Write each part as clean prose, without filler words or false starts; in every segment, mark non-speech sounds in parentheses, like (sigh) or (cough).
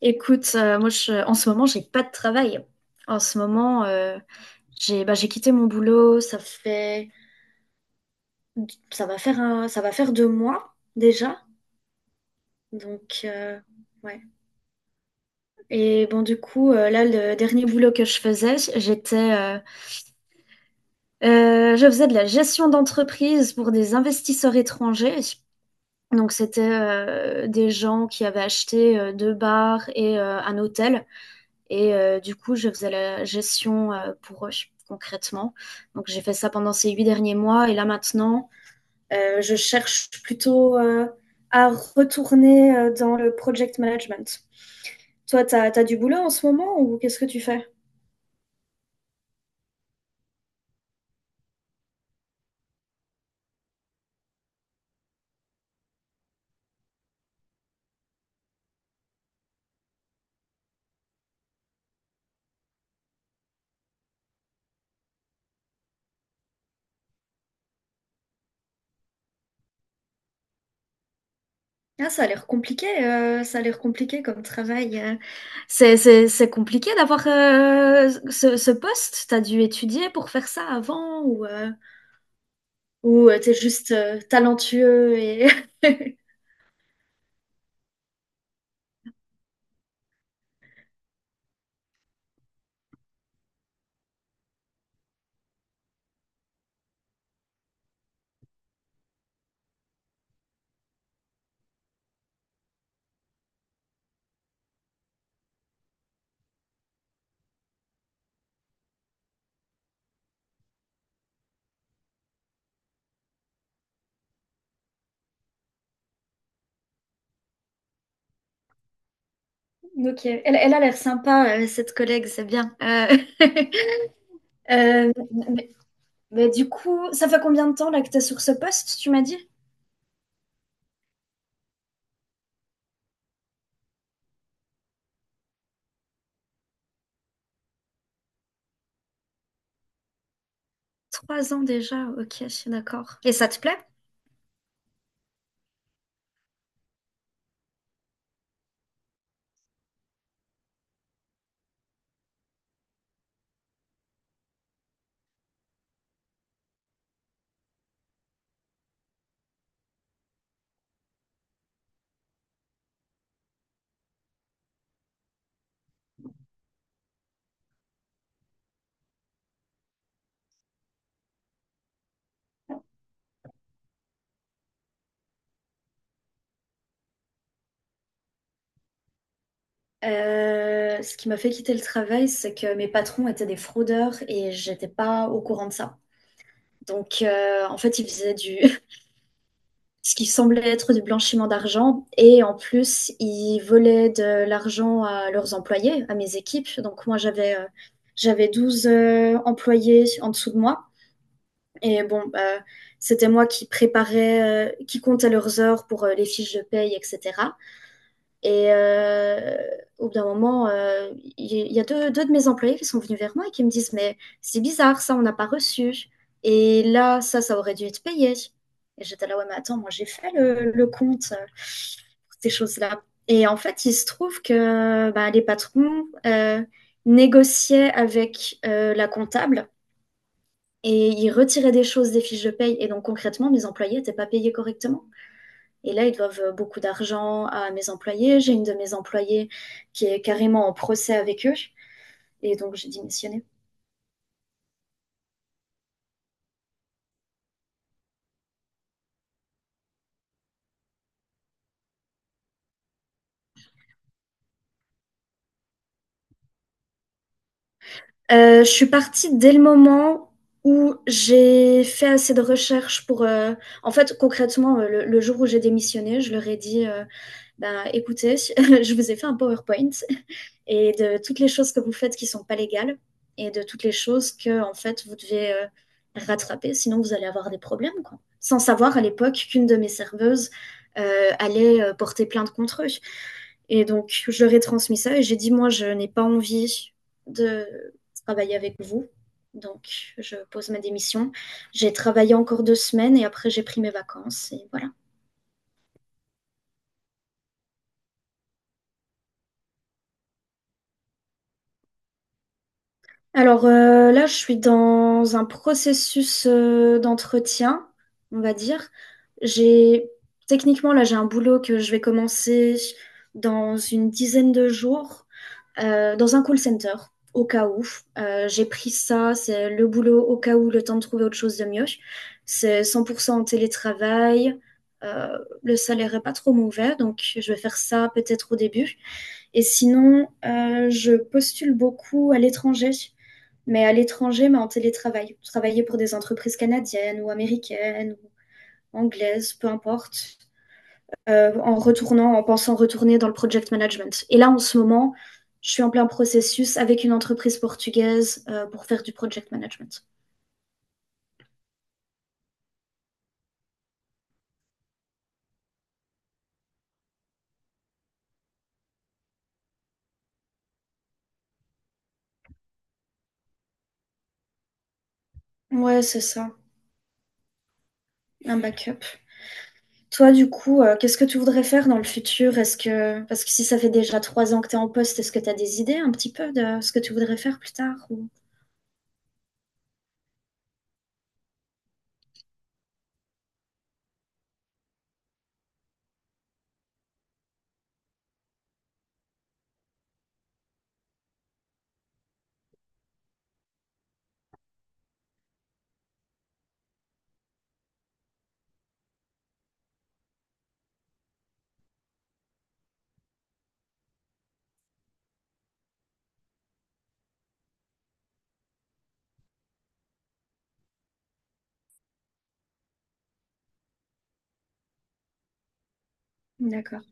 Écoute, moi en ce moment, j'ai pas de travail. En ce moment, j'ai quitté mon boulot, ça va faire deux mois déjà. Donc euh, ouais. Et bon du coup, là le dernier boulot que je faisais, j'étais je faisais de la gestion d'entreprise pour des investisseurs étrangers. Donc c'était des gens qui avaient acheté deux bars et un hôtel. Et du coup, je faisais la gestion pour eux, concrètement. Donc, j'ai fait ça pendant ces huit derniers mois. Et là, maintenant, je cherche plutôt à retourner dans le project management. Toi, tu as, du boulot en ce moment ou qu'est-ce que tu fais? Ah, ça a l'air compliqué, ça a l'air compliqué comme travail. C'est compliqué d'avoir ce poste. T'as dû étudier pour faire ça avant ou, ou t'es juste talentueux et... (laughs) Ok, elle a l'air sympa, cette collègue, c'est bien. (laughs) Euh, mais, mais du coup, ça fait combien de temps là que tu es sur ce poste, tu m'as dit? Trois ans déjà, ok, je suis d'accord. Et ça te plaît? Ce qui m'a fait quitter le travail, c'est que mes patrons étaient des fraudeurs et j'étais pas au courant de ça. Donc, en fait, (laughs) ce qui semblait être du blanchiment d'argent. Et en plus, ils volaient de l'argent à leurs employés, à mes équipes. Donc moi, j'avais 12 employés en dessous de moi. Et bon, c'était moi qui préparais, qui comptais leurs heures pour les fiches de paye, etc. Et au bout d'un moment, il y a deux de mes employés qui sont venus vers moi et qui me disent, mais c'est bizarre, ça, on n'a pas reçu. Et là, ça aurait dû être payé. Et j'étais là, ouais, mais attends, moi, j'ai fait le compte pour ces choses-là. Et en fait, il se trouve que bah, les patrons négociaient avec la comptable et ils retiraient des choses des fiches de paye. Et donc, concrètement, mes employés n'étaient pas payés correctement. Et là, ils doivent beaucoup d'argent à mes employés. J'ai une de mes employées qui est carrément en procès avec eux. Et donc, j'ai démissionné. Je suis partie dès le moment où j'ai fait assez de recherches pour... en fait, concrètement, le jour où j'ai démissionné, je leur ai dit, ben, écoutez, (laughs) je vous ai fait un PowerPoint et de toutes les choses que vous faites qui sont pas légales et de toutes les choses que en fait vous devez rattraper, sinon vous allez avoir des problèmes quoi. Sans savoir à l'époque qu'une de mes serveuses allait porter plainte contre eux. Et donc je leur ai transmis ça et j'ai dit moi je n'ai pas envie de travailler avec vous. Donc je pose ma démission. J'ai travaillé encore deux semaines et après j'ai pris mes vacances et voilà. Alors là, je suis dans un processus d'entretien, on va dire. J'ai techniquement là, j'ai un boulot que je vais commencer dans une dizaine de jours dans un call center, au cas où. J'ai pris ça, c'est le boulot au cas où, le temps de trouver autre chose de mieux. C'est 100% en télétravail. euh, le salaire est pas trop mauvais, donc je vais faire ça peut-être au début. Et sinon, je postule beaucoup à l'étranger mais en télétravail. Travailler pour des entreprises canadiennes ou américaines ou anglaises, peu importe, en pensant retourner dans le project management. Et là, en ce moment, je suis en plein processus avec une entreprise portugaise pour faire du project management. Ouais, c'est ça, un backup. Toi, du coup, qu'est-ce que tu voudrais faire dans le futur? Est-ce que, parce que si ça fait déjà trois ans que tu es en poste, est-ce que tu as des idées un petit peu de ce que tu voudrais faire plus tard ou- D'accord.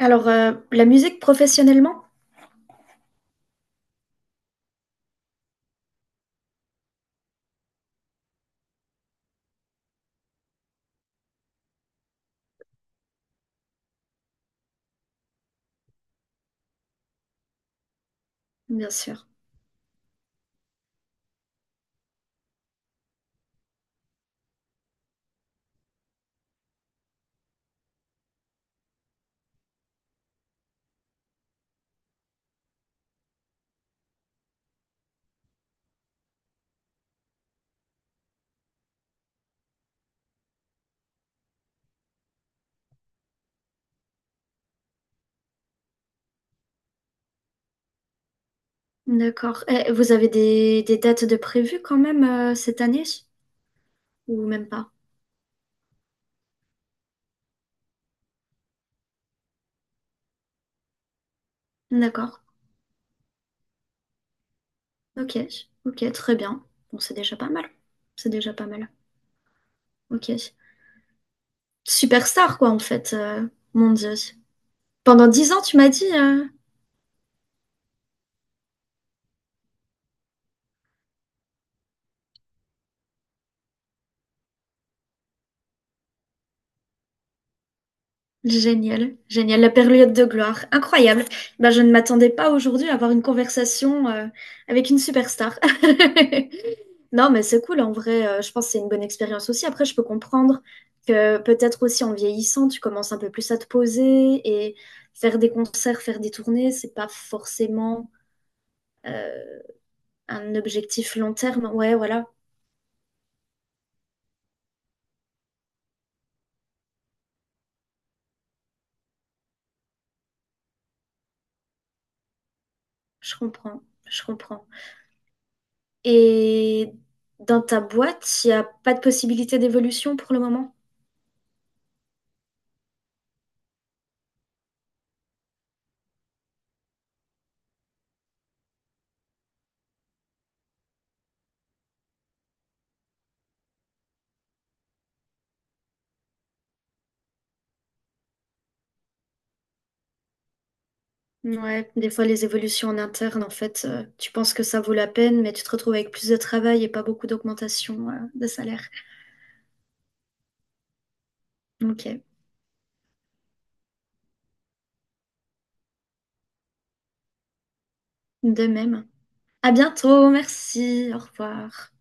Alors, la musique professionnellement? Bien sûr. D'accord. Et vous avez des dates de prévues quand même cette année? Ou même pas? D'accord. Ok. Ok, très bien. Bon, c'est déjà pas mal. C'est déjà pas mal. Ok. Superstar, quoi, en fait. Mon Dieu. Pendant dix ans, tu m'as dit. Génial, génial, la période de gloire, incroyable. Ben, je ne m'attendais pas aujourd'hui à avoir une conversation avec une superstar. (laughs) Non, mais c'est cool en vrai, je pense que c'est une bonne expérience aussi. Après, je peux comprendre que peut-être aussi en vieillissant, tu commences un peu plus à te poser et faire des concerts, faire des tournées, c'est pas forcément euh, un objectif long terme. Ouais, voilà, je comprends, je comprends. Et dans ta boîte, il n'y a pas de possibilité d'évolution pour le moment? Ouais, des fois les évolutions en interne, en fait, tu penses que ça vaut la peine, mais tu te retrouves avec plus de travail et pas beaucoup d'augmentation, de salaire. Ok, de même. À bientôt, merci, au revoir.